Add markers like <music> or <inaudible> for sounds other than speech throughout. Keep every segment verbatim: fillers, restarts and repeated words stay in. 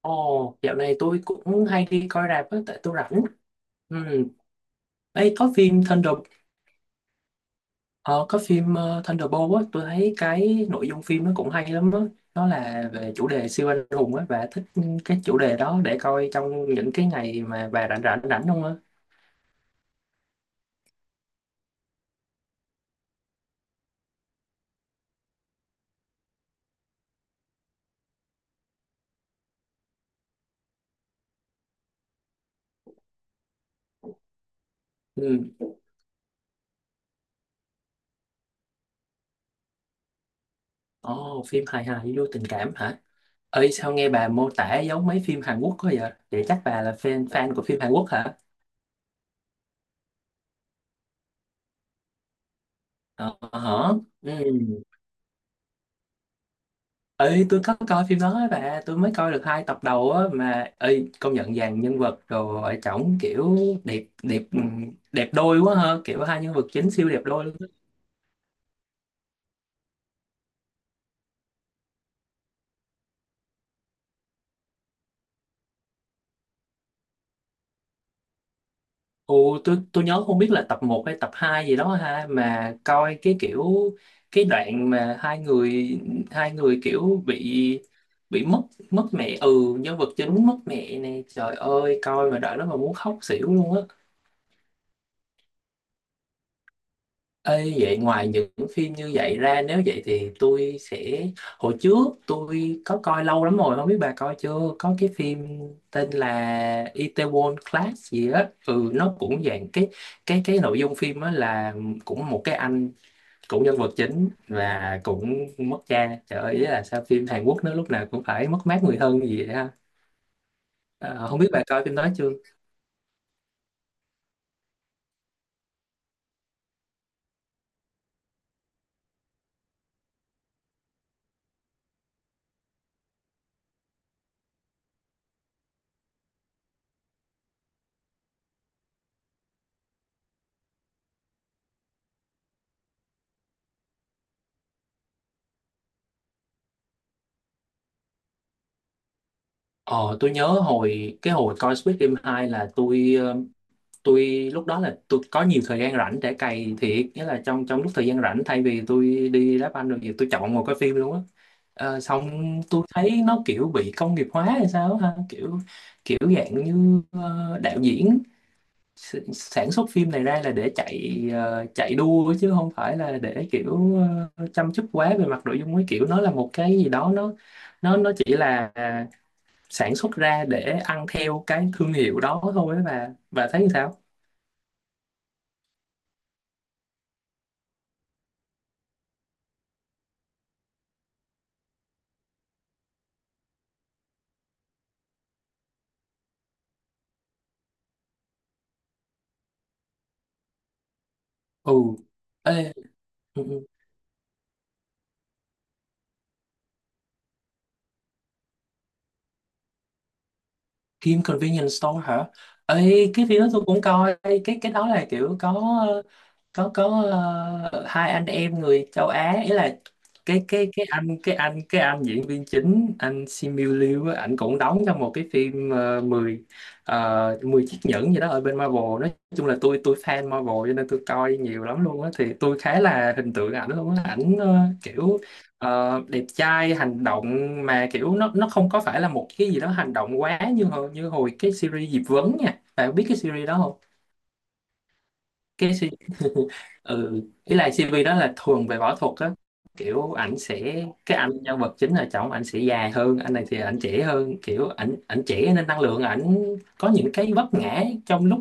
Ồ, dạo này tôi cũng hay đi coi rạp á, tại tôi rảnh. Ừ. Ấy, có phim Thunder, ờ, có phim ờ, Thunderbolt á, tôi thấy cái nội dung phim nó cũng hay lắm á. Nó là về chủ đề siêu anh hùng á, và thích cái chủ đề đó để coi trong những cái ngày mà bà rảnh rảnh rảnh không á. Ừ. Ồ, phim hài hài vô tình cảm hả? Ơi, sao nghe bà mô tả giống mấy phim Hàn Quốc quá vậy? Vậy chắc bà là fan fan của phim Hàn Quốc hả? Ờ, hả? Ừ. Ê, tôi có coi phim đó á bà, tôi mới coi được hai tập đầu á, mà ơi công nhận dàn nhân vật rồi chổng kiểu đẹp đẹp, ừ, đẹp đôi quá ha, kiểu hai nhân vật chính siêu đẹp đôi luôn á. Ồ, tôi tôi nhớ không biết là tập một hay tập hai gì đó ha, mà coi cái kiểu cái đoạn mà hai người hai người kiểu bị bị mất mất mẹ, ừ, nhân vật chính mất mẹ này, trời ơi coi mà đoạn đó mà muốn khóc xỉu luôn á. Ê, vậy ngoài những phim như vậy ra, nếu vậy thì tôi sẽ, hồi trước tôi có coi lâu lắm rồi không biết bà coi chưa, có cái phim tên là Itaewon Class gì á, ừ, nó cũng dạng cái, cái cái nội dung phim á, là cũng một cái anh, cũng nhân vật chính và cũng mất cha, trời ơi ý là sao phim Hàn Quốc nó lúc nào cũng phải mất mát người thân gì vậy ha? Ờ, không biết bà coi phim đó chưa. Ờ, tôi nhớ hồi cái hồi coi Squid Game hai là tôi tôi lúc đó là tôi có nhiều thời gian rảnh để cày thiệt, nghĩa là trong trong lúc thời gian rảnh, thay vì tôi đi đá banh rồi gì tôi chọn một cái phim luôn á. Ờ, xong tôi thấy nó kiểu bị công nghiệp hóa hay sao á ha, kiểu kiểu dạng như, ờ, đạo diễn s- sản xuất phim này ra là để chạy, ờ, chạy đua chứ không phải là để kiểu, ờ, chăm chút quá về mặt nội dung ấy, kiểu nó là một cái gì đó, nó nó nó chỉ là, à, sản xuất ra để ăn theo cái thương hiệu đó thôi ấy. Và và thấy sao? Ừ. Ê, ừ, ừ. Kim Convenience Store hả? Ê, cái phim đó tôi cũng coi. Ê, cái cái đó là kiểu có, ờ, có có ờ, hai anh em người châu Á, ý là, cái cái cái anh cái anh cái anh diễn viên chính anh Simu Liu á, ảnh cũng đóng trong một cái phim, uh, mười ờ, mười chiếc nhẫn gì đó ở bên Marvel, nói chung là tôi tôi fan Marvel cho nên tôi coi nhiều lắm luôn á, thì tôi khá là hình tượng ảnh luôn á, ảnh ờ, kiểu ờ, đẹp trai hành động, mà kiểu nó nó không có phải là một cái gì đó hành động quá, như hồi, như hồi cái series Diệp Vấn nha, bạn biết cái series đó không? Cái suy <laughs> ừ, ý là xê vê đó là thường về võ thuật á, kiểu ảnh sẽ, cái anh nhân vật chính là chồng ảnh sẽ dài hơn, anh này thì ảnh trẻ hơn, kiểu ảnh ảnh trẻ nên năng lượng ảnh có những cái vấp ngã trong lúc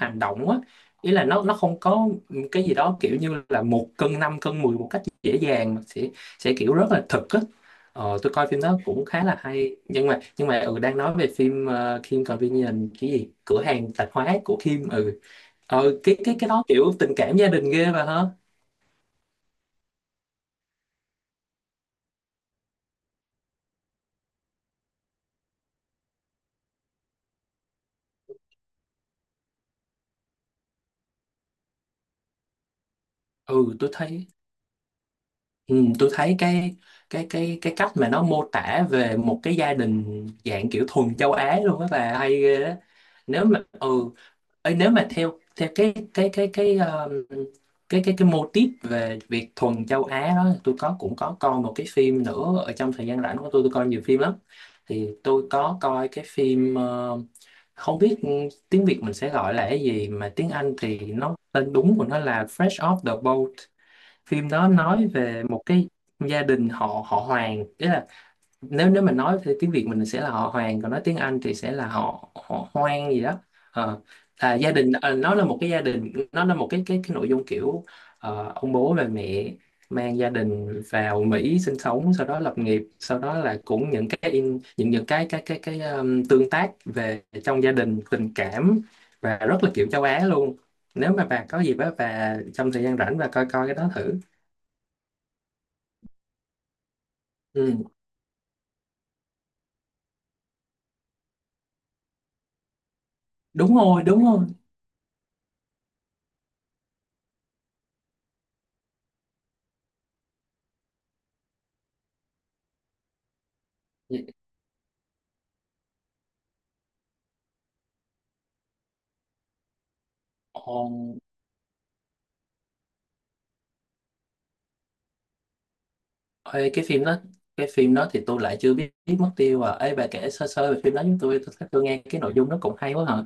hành động á. Ý là nó nó không có cái gì đó kiểu như là một cân năm, cân mười một cách dễ dàng, mà sẽ sẽ kiểu rất là thực á. Ờ, tôi coi phim đó cũng khá là hay, nhưng mà nhưng mà ừ, đang nói về phim, uh, Kim Convenience cái gì, cửa hàng tạp hóa của Kim, ừ. Ờ cái cái cái đó kiểu tình cảm gia đình ghê bà hả? Ừ, tôi thấy, ừ, tôi thấy cái cái cái cái cách mà nó mô tả về một cái gia đình dạng kiểu thuần châu Á luôn á, bà hay ghê á. Nếu mà ừ ấy, nếu mà theo theo cái cái cái cái ờ, cái cái cái mô típ về việc thuần châu Á đó, tôi có cũng có coi một cái phim nữa, ở trong thời gian rảnh của tôi tôi coi nhiều phim lắm, thì tôi có coi cái phim, ờ, không biết tiếng Việt mình sẽ gọi là cái gì, mà tiếng Anh thì nó tên đúng của nó là Fresh Off the Boat. Phim đó nói về một cái gia đình họ họ Hoàng, tức là nếu nếu mình nói thì tiếng Việt mình sẽ là họ Hoàng, còn nói tiếng Anh thì sẽ là họ họ Hoang gì đó. Ờ, là gia đình, ờ, nó là một cái gia đình, nó là một cái, cái cái nội dung kiểu, ờ, ông bố và mẹ mang gia đình vào Mỹ sinh sống, sau đó lập nghiệp, sau đó là cũng những cái, in, những những cái cái cái cái um, tương tác về trong gia đình tình cảm, và rất là kiểu châu Á luôn. Nếu mà bà có dịp á, bà trong thời gian rảnh bà coi coi cái đó thử. Ừ, đúng rồi, đúng rồi. Ồ, ê, cái phim đó, cái phim đó thì tôi lại chưa biết, biết mất tiêu à ấy, bà kể sơ sơ về phim đó chúng tôi, tôi, tôi nghe cái nội dung nó cũng hay quá hả?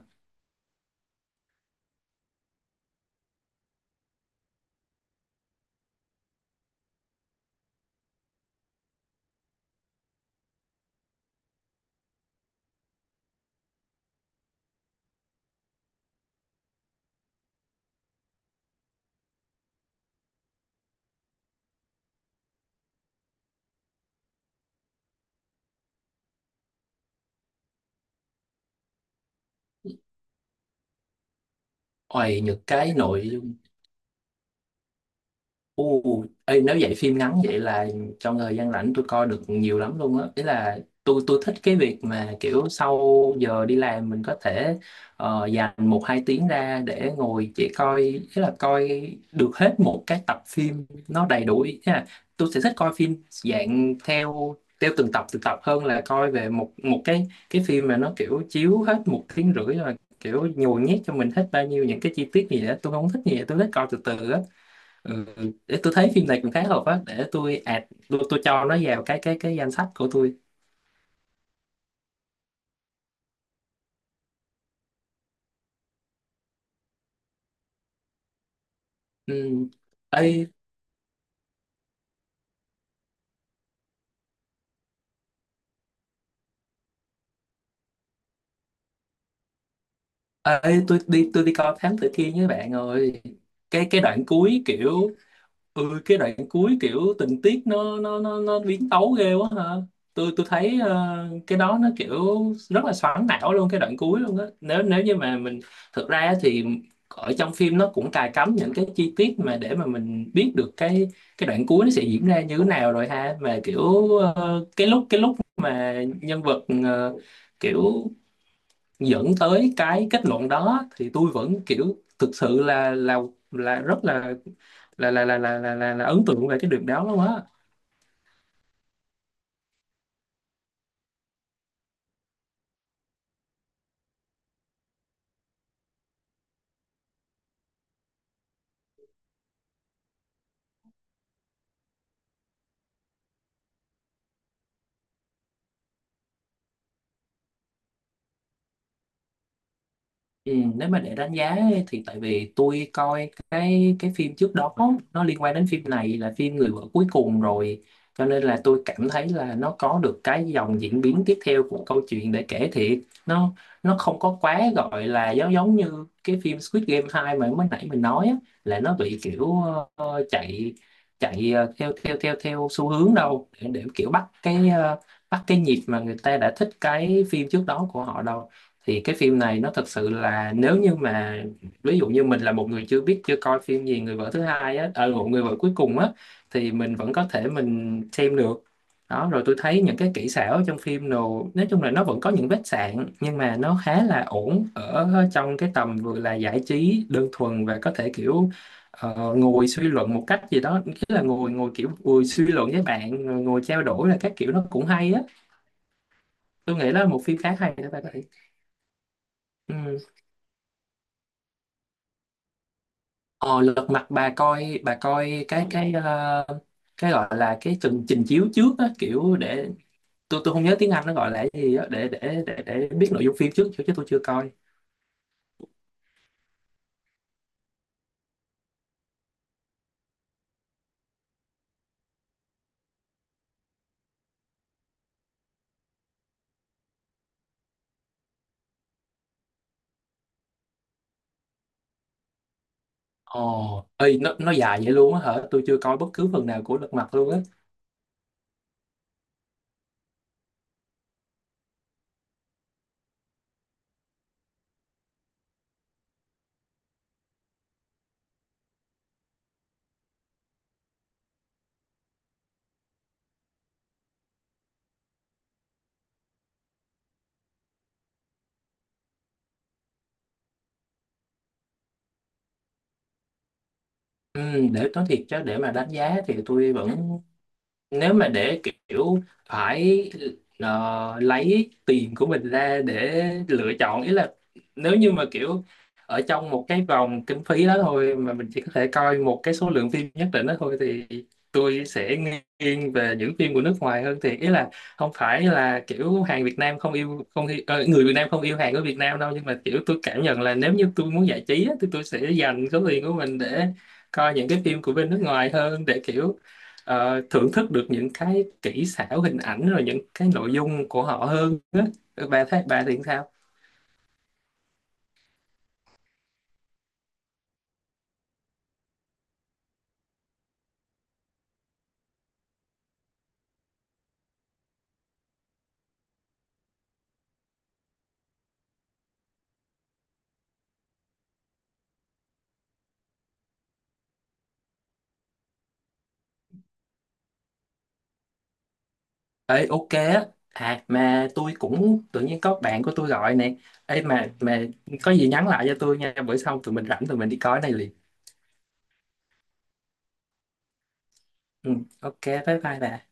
Ôi những cái nội dung. Ồ, ê, nếu vậy phim ngắn vậy là trong thời gian rảnh tôi coi được nhiều lắm luôn á. Ý là tôi tôi thích cái việc mà kiểu sau giờ đi làm mình có thể, ờ, dành một hai tiếng ra để ngồi chỉ coi, ý là coi được hết một cái tập phim nó đầy đủ. Ý là tôi sẽ thích coi phim dạng theo theo từng tập từng tập, hơn là coi về một một cái cái phim mà nó kiểu chiếu hết một tiếng rưỡi rồi kiểu nhồi nhét cho mình hết bao nhiêu những cái chi tiết gì đó, tôi không thích gì vậy. Tôi thích coi từ từ á. Ừ, để tôi thấy phim này cũng khá hợp á, để tôi add, tôi, tôi cho nó vào cái cái cái danh sách của tôi. Ừ. Ê, ê tôi đi tôi đi coi Thám Tử Kiên với bạn rồi. Cái cái đoạn cuối kiểu, ừ cái đoạn cuối kiểu tình tiết nó nó nó nó biến tấu ghê quá hả. Tôi tôi thấy, ờ, cái đó nó kiểu rất là xoắn não luôn cái đoạn cuối luôn á. Nếu nếu như mà mình, thực ra á thì ở trong phim nó cũng cài cắm những cái chi tiết mà để mà mình biết được cái cái đoạn cuối nó sẽ diễn ra như thế nào rồi ha, mà kiểu ờ, cái lúc, cái lúc mà nhân vật, ờ, kiểu dẫn tới cái kết luận đó thì tôi vẫn kiểu thực sự là là là rất là là là là là là, là, là ấn tượng về cái điều đó lắm á. Ừ, nếu mà để đánh giá ấy, thì tại vì tôi coi cái cái phim trước đó, nó liên quan đến phim này là phim Người vợ cuối cùng rồi, cho nên là tôi cảm thấy là nó có được cái dòng diễn biến tiếp theo của câu chuyện để kể thiệt, nó nó không có quá gọi là giống giống như cái phim Squid Game hai mà mới nãy mình nói á, là nó bị kiểu, ờ, chạy chạy ờ, theo theo theo theo xu hướng đâu, để, để kiểu bắt cái, ờ, bắt cái nhịp mà người ta đã thích cái phim trước đó của họ đâu. Thì cái phim này nó thật sự là, nếu như mà ví dụ như mình là một người chưa biết chưa coi phim gì, người vợ thứ hai á ờ một người vợ cuối cùng á, thì mình vẫn có thể mình xem được đó. Rồi tôi thấy những cái kỹ xảo trong phim nào, nói chung là nó vẫn có những vết sạn nhưng mà nó khá là ổn ở trong cái tầm vừa là giải trí đơn thuần và có thể kiểu, ờ, ngồi suy luận một cách gì đó, nghĩa là ngồi, ngồi kiểu ngồi suy luận với bạn ngồi trao đổi, là các kiểu nó cũng hay á. Tôi nghĩ đó là một phim khá hay đó, bạn có thể. Ờ, lật mặt, bà coi bà coi cái cái ờ, cái gọi là cái trình trình chiếu trước á, kiểu để tôi tôi không nhớ tiếng Anh nó gọi là cái gì á, để để để để biết nội dung phim trước, chứ chứ tôi chưa coi. Ồ, ơi nó nó dài vậy luôn á hả? Tôi chưa coi bất cứ phần nào của lật mặt luôn á. Ừ, để nói thiệt chứ, để mà đánh giá thì tôi vẫn, nếu mà để kiểu phải, ờ, lấy tiền của mình ra để lựa chọn, ý là nếu như mà kiểu ở trong một cái vòng kinh phí đó thôi, mà mình chỉ có thể coi một cái số lượng phim nhất định đó thôi, thì tôi sẽ nghiêng về những phim của nước ngoài hơn, thì ý là không phải là kiểu hàng Việt Nam không yêu không yêu, ờ, người Việt Nam không yêu hàng của Việt Nam đâu, nhưng mà kiểu tôi cảm nhận là nếu như tôi muốn giải trí á, thì tôi sẽ dành số tiền của mình để coi những cái phim của bên nước ngoài hơn, để kiểu, ờ, thưởng thức được những cái kỹ xảo hình ảnh rồi những cái nội dung của họ hơn á. Bà thấy bà thì sao? Ê, ok á. À mà tôi cũng tự nhiên có bạn của tôi gọi nè. Ê, mà mà có gì nhắn lại cho tôi nha, bữa sau tụi mình rảnh tụi mình đi coi cái này liền. Ừ, ok, bye bye bà.